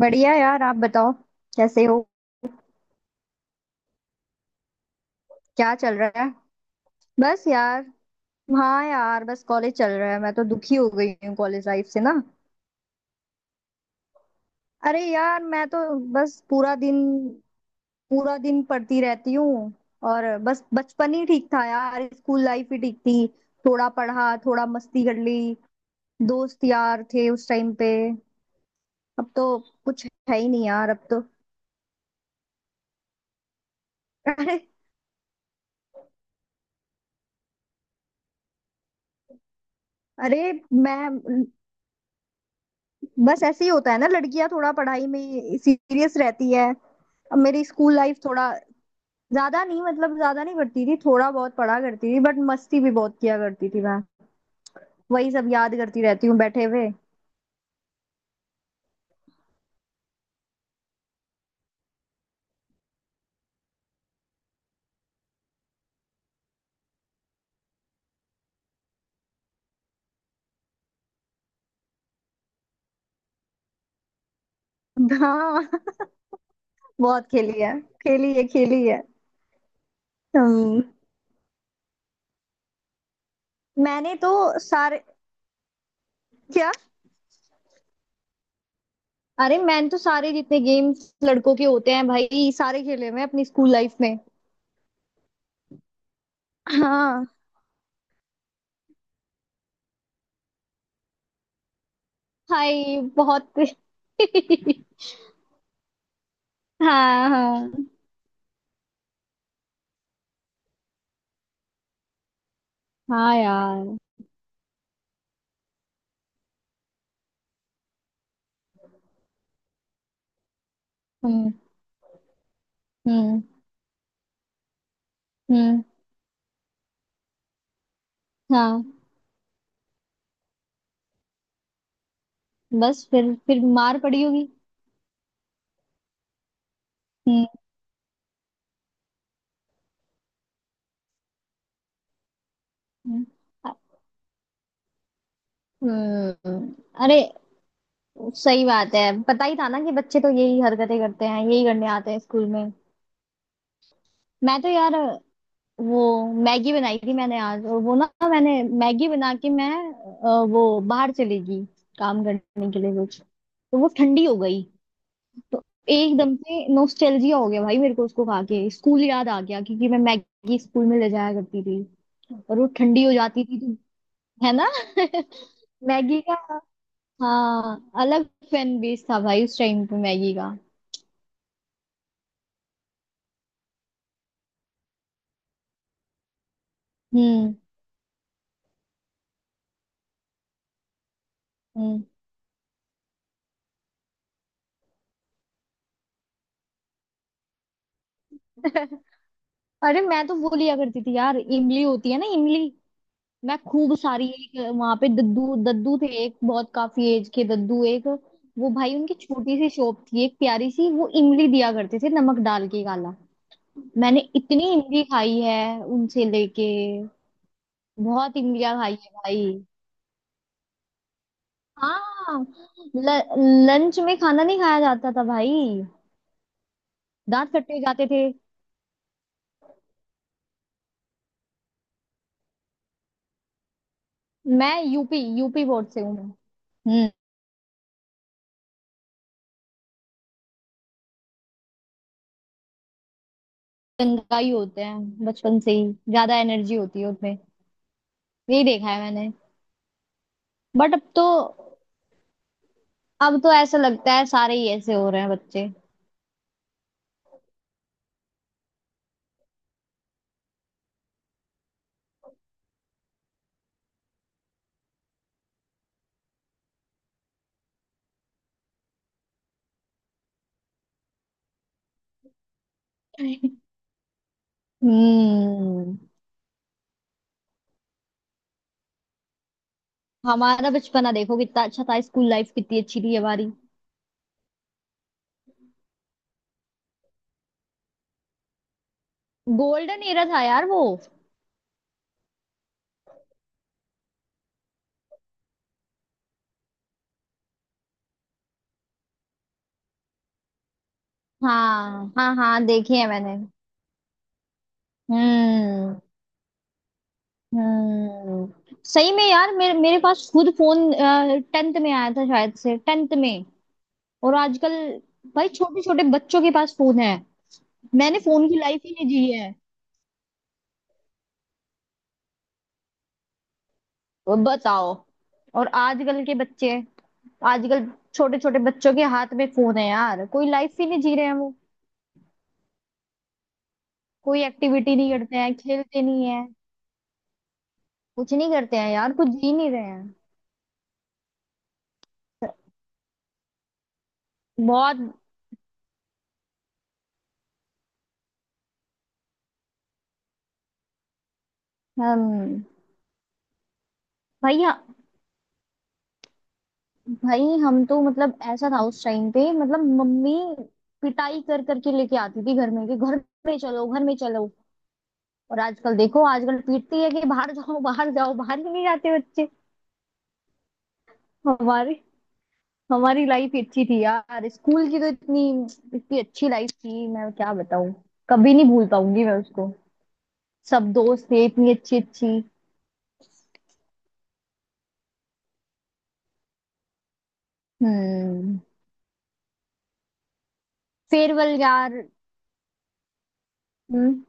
बढ़िया यार। आप बताओ कैसे हो। क्या चल रहा है। बस यार। हाँ यार, बस कॉलेज चल रहा है। मैं तो दुखी हो गई हूँ कॉलेज लाइफ से ना। अरे यार, मैं तो बस पूरा दिन पढ़ती रहती हूँ। और बस बचपन ही ठीक था यार। स्कूल लाइफ ही ठीक थी। थोड़ा पढ़ा, थोड़ा मस्ती कर ली। दोस्त यार थे उस टाइम पे। अब तो कुछ है ही नहीं यार, अब तो। अरे। अरे मैं बस ऐसे ही होता है ना, लड़कियां थोड़ा पढ़ाई में सीरियस रहती है। अब मेरी स्कूल लाइफ थोड़ा ज्यादा नहीं, मतलब ज्यादा नहीं पढ़ती थी, थोड़ा बहुत पढ़ा करती थी, बट मस्ती भी बहुत किया करती थी मैं। वही सब याद करती रहती हूँ बैठे हुए। हाँ। बहुत खेली है, खेली है, खेली है। हम्म। मैंने तो सारे। क्या? अरे मैंने तो सारे जितने गेम्स लड़कों के होते हैं भाई, सारे खेले मैं अपनी स्कूल लाइफ में। हाँ। हाय बहुत। हाँ, हाँ, हाँ यार। हम्म, हम्म, हम्म। हाँ, बस फिर मार पड़ी होगी। हम्म, हम्म। अरे, सही बात है। पता ही था ना कि बच्चे तो यही हरकतें करते हैं, यही करने आते हैं स्कूल में। मैं तो यार, वो मैगी बनाई थी मैंने आज, और वो ना, मैंने मैगी बना के वो बाहर चली गई काम करने के लिए कुछ, तो वो ठंडी हो गई। तो एकदम से नोस्टैल्जिया हो गया भाई मेरे को, उसको खा के स्कूल याद आ गया, क्योंकि मैं मैगी स्कूल में ले जाया करती थी। और वो ठंडी हो जाती थी तो, है ना। मैगी का, हाँ, अलग फैन बेस था भाई उस टाइम पे मैगी का। हम्म, हम्म। अरे, मैं तो वो लिया करती थी यार, इमली होती है ना, इमली। मैं खूब सारी, एक वहां पे दद्दू दद्दू थे, एक बहुत काफी एज के दद्दू, एक। वो भाई, उनकी छोटी सी शॉप थी एक प्यारी सी, वो इमली दिया करते थे नमक डाल के, काला। मैंने इतनी इमली खाई है उनसे लेके। बहुत इमलियां खाई है भाई। हाँ। ल, लंच में खाना नहीं खाया जाता था भाई। दांत कट्टे जाते थे। मैं यूपी यूपी बोर्ड से हूँ मैं। हम्म। गंगाई होते हैं बचपन से ही, ज्यादा एनर्जी होती है उसमें, यही देखा है मैंने। बट अब तो ऐसा लगता है सारे ही ऐसे हो रहे हैं बच्चे। हम्म। हमारा बचपना देखो कितना अच्छा था, स्कूल लाइफ कितनी अच्छी थी हमारी। गोल्डन एरा था यार वो। हाँ, हाँ, हाँ, देखे हैं मैंने। हम्म, हम्म। सही में यार, मेरे मेरे पास खुद फोन टेंथ में आया था, शायद से टेंथ में। और आजकल भाई, छोटे छोटे बच्चों के पास फोन है। मैंने फोन की लाइफ ही नहीं जी है। और बताओ, और आजकल के बच्चे, आजकल छोटे छोटे बच्चों के हाथ में फोन है यार, कोई लाइफ ही नहीं जी रहे हैं वो। कोई एक्टिविटी नहीं करते हैं, खेलते नहीं है, कुछ नहीं करते हैं यार, कुछ जी नहीं रहे हैं। बहुत। हम भाई भाई, हम तो मतलब ऐसा था उस टाइम पे, मतलब मम्मी पिटाई कर करके लेके आती थी घर में कि घर में चलो, घर में चलो। और आजकल देखो, आजकल पीटती है कि बाहर जाओ, बाहर जाओ, बाहर ही नहीं जाते बच्चे। हमारी हमारी लाइफ अच्छी थी यार, स्कूल की तो इतनी इतनी अच्छी लाइफ थी, मैं क्या बताऊं। कभी नहीं भूल पाऊंगी मैं उसको। सब दोस्त थे इतनी अच्छी अच्छी। हम्म। फेयरवेल यार। हम्म।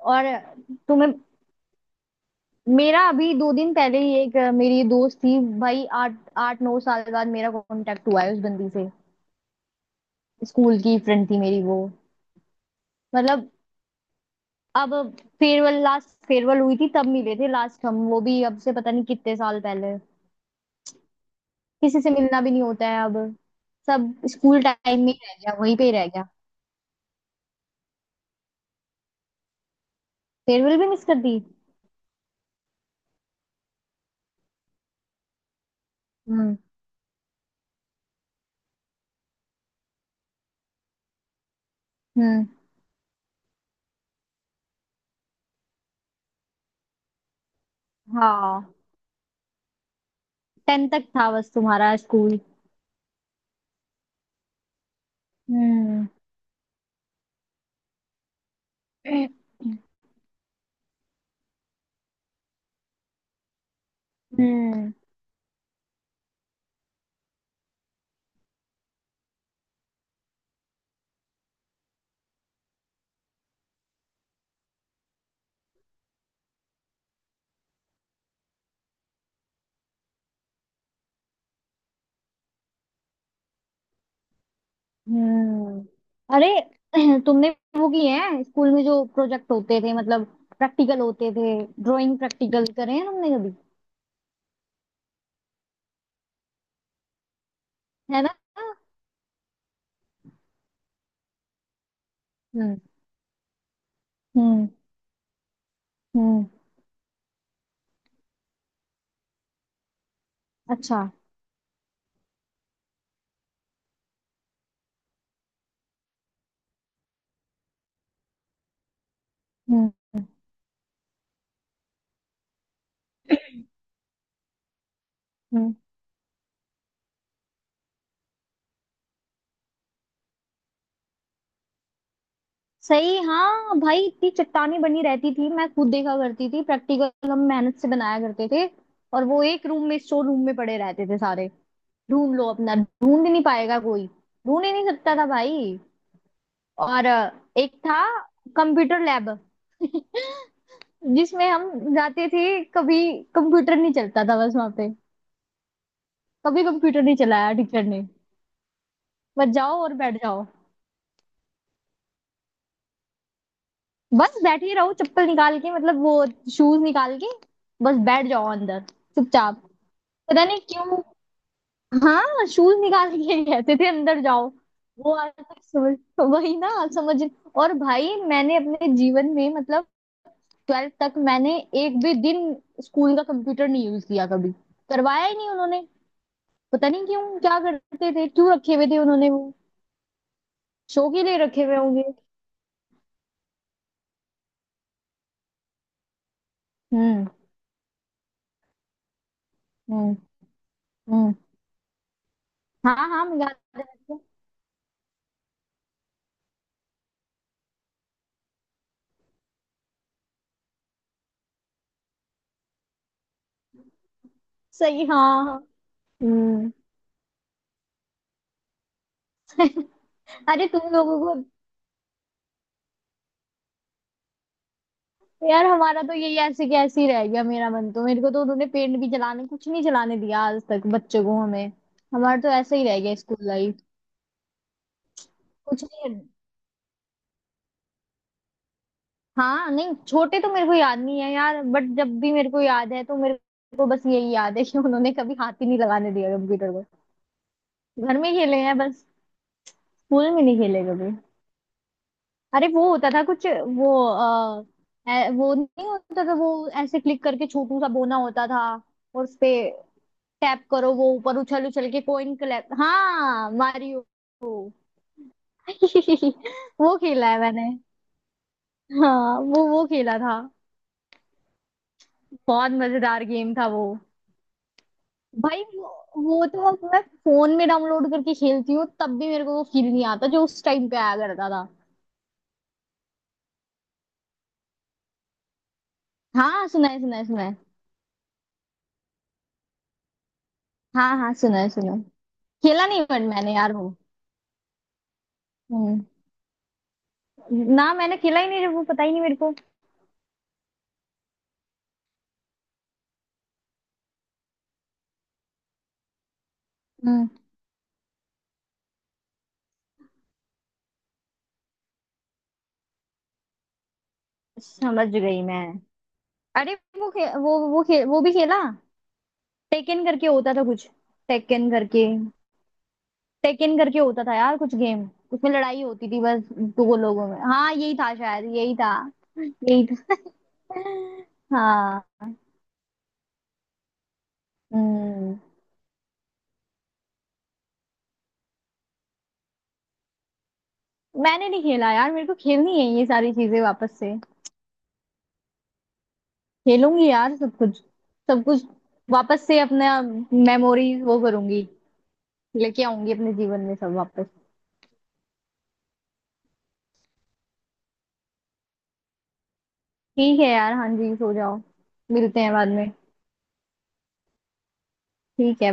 और तुम्हें, मेरा अभी 2 दिन पहले ही एक मेरी दोस्त थी भाई, आठ आठ नौ साल बाद मेरा कांटेक्ट हुआ है उस बंदी से। स्कूल की फ्रेंड थी मेरी वो। मतलब, अब फेयरवेल लास्ट फेयरवेल हुई थी तब मिले थे लास्ट हम, वो भी अब से पता नहीं कितने साल पहले। किसी से मिलना भी नहीं होता है अब। सब स्कूल टाइम में ही रह गया, वहीं पे ही रह गया। फेयरवेल भी मिस कर दी। हम्म, हम्म। हाँ, टेंथ तक था बस तुम्हारा स्कूल। हम्म, हम्म, हम्म। अरे तुमने वो किए हैं स्कूल में, जो प्रोजेक्ट होते थे मतलब, प्रैक्टिकल होते थे। ड्राइंग प्रैक्टिकल करे हैं तुमने कभी। है ना। हम्म, हम्म, हम्म। अच्छा। हम्म, हम्म, हम्म। सही। हाँ भाई, इतनी चट्टानी बनी रहती थी, मैं खुद देखा करती थी। प्रैक्टिकल हम मेहनत से बनाया करते थे। और वो एक रूम में, स्टोर रूम में पड़े रहते थे सारे। ढूंढ लो अपना, ढूंढ ही नहीं पाएगा कोई, ढूंढ ही नहीं सकता था भाई। और एक था कंप्यूटर लैब। जिसमें हम जाते थे, कभी कंप्यूटर नहीं चलता था बस वहां पे। कभी कंप्यूटर नहीं चलाया टीचर ने। बस जाओ और बैठ जाओ। बस बैठी रहो चप्पल निकाल के, मतलब वो शूज निकाल के, बस बैठ जाओ अंदर चुपचाप। पता नहीं क्यों। हाँ, शूज निकाल के कहते थे अंदर जाओ। वो आज तक समझ, वही ना आप समझ। और भाई, मैंने अपने जीवन में मतलब, ट्वेल्थ तक मैंने एक भी दिन स्कूल का कंप्यूटर नहीं यूज किया कभी। करवाया ही नहीं उन्होंने। पता नहीं क्यों, क्या करते थे, क्यों रखे हुए थे उन्होंने वो। शो के लिए रखे हुए होंगे। हम्म, हम्म, हम्म। हाँ, हाँ, मैं याद है। सही, हाँ, हाँ। हम्म। अरे तुम लोगों को। यार हमारा तो यही, ऐसे के ऐसे ही रह गया मेरा मन तो। मेरे को तो उन्होंने पेंट भी चलाने, कुछ नहीं चलाने दिया आज तक बच्चों को, हमें। हमारा तो ऐसे ही रह गया स्कूल लाइफ। कुछ नहीं। हाँ नहीं, छोटे तो मेरे को याद नहीं है यार, बट जब भी मेरे को याद है तो मेरे को बस यही याद है कि उन्होंने कभी हाथ ही नहीं लगाने दिया कंप्यूटर को। घर में खेले हैं बस। स्कूल में नहीं खेले कभी। अरे, वो होता था कुछ, वो वो नहीं होता था, वो ऐसे क्लिक करके छोटू सा बोना होता था। और उसपे टैप करो, वो ऊपर उछल उछल के कोइन कलेक्ट। हाँ, मारियो। वो खेला है मैंने। हाँ, वो खेला था। बहुत मजेदार गेम था वो। भाई वो तो अब मैं फोन में डाउनलोड करके खेलती हूँ, तब भी मेरे को वो फील नहीं आता जो उस टाइम पे आया करता था। हाँ, सुना है, सुना है, सुना है। हाँ, हाँ, सुना है, सुना है। खेला नहीं बट, मैंने यार वो हम्म ना मैंने खेला ही नहीं वो, पता ही नहीं मेरे को। हम्म, समझ गई मैं। अरे, वो भी खेला। टेकन करके होता था कुछ। टेकन करके टेकन करके होता था यार, कुछ गेम उसमें लड़ाई होती थी बस। दो लोगों में। हाँ, यही था शायद, यही था, यही था। हाँ, हम्म। मैंने नहीं खेला यार, मेरे को खेलनी है ये सारी चीजें वापस से। खेलूंगी यार सब कुछ, सब कुछ वापस से अपना मेमोरीज वो करूंगी, लेके आऊंगी अपने जीवन में सब वापस। ठीक है यार, हाँ जी सो जाओ। मिलते हैं बाद में। ठीक है।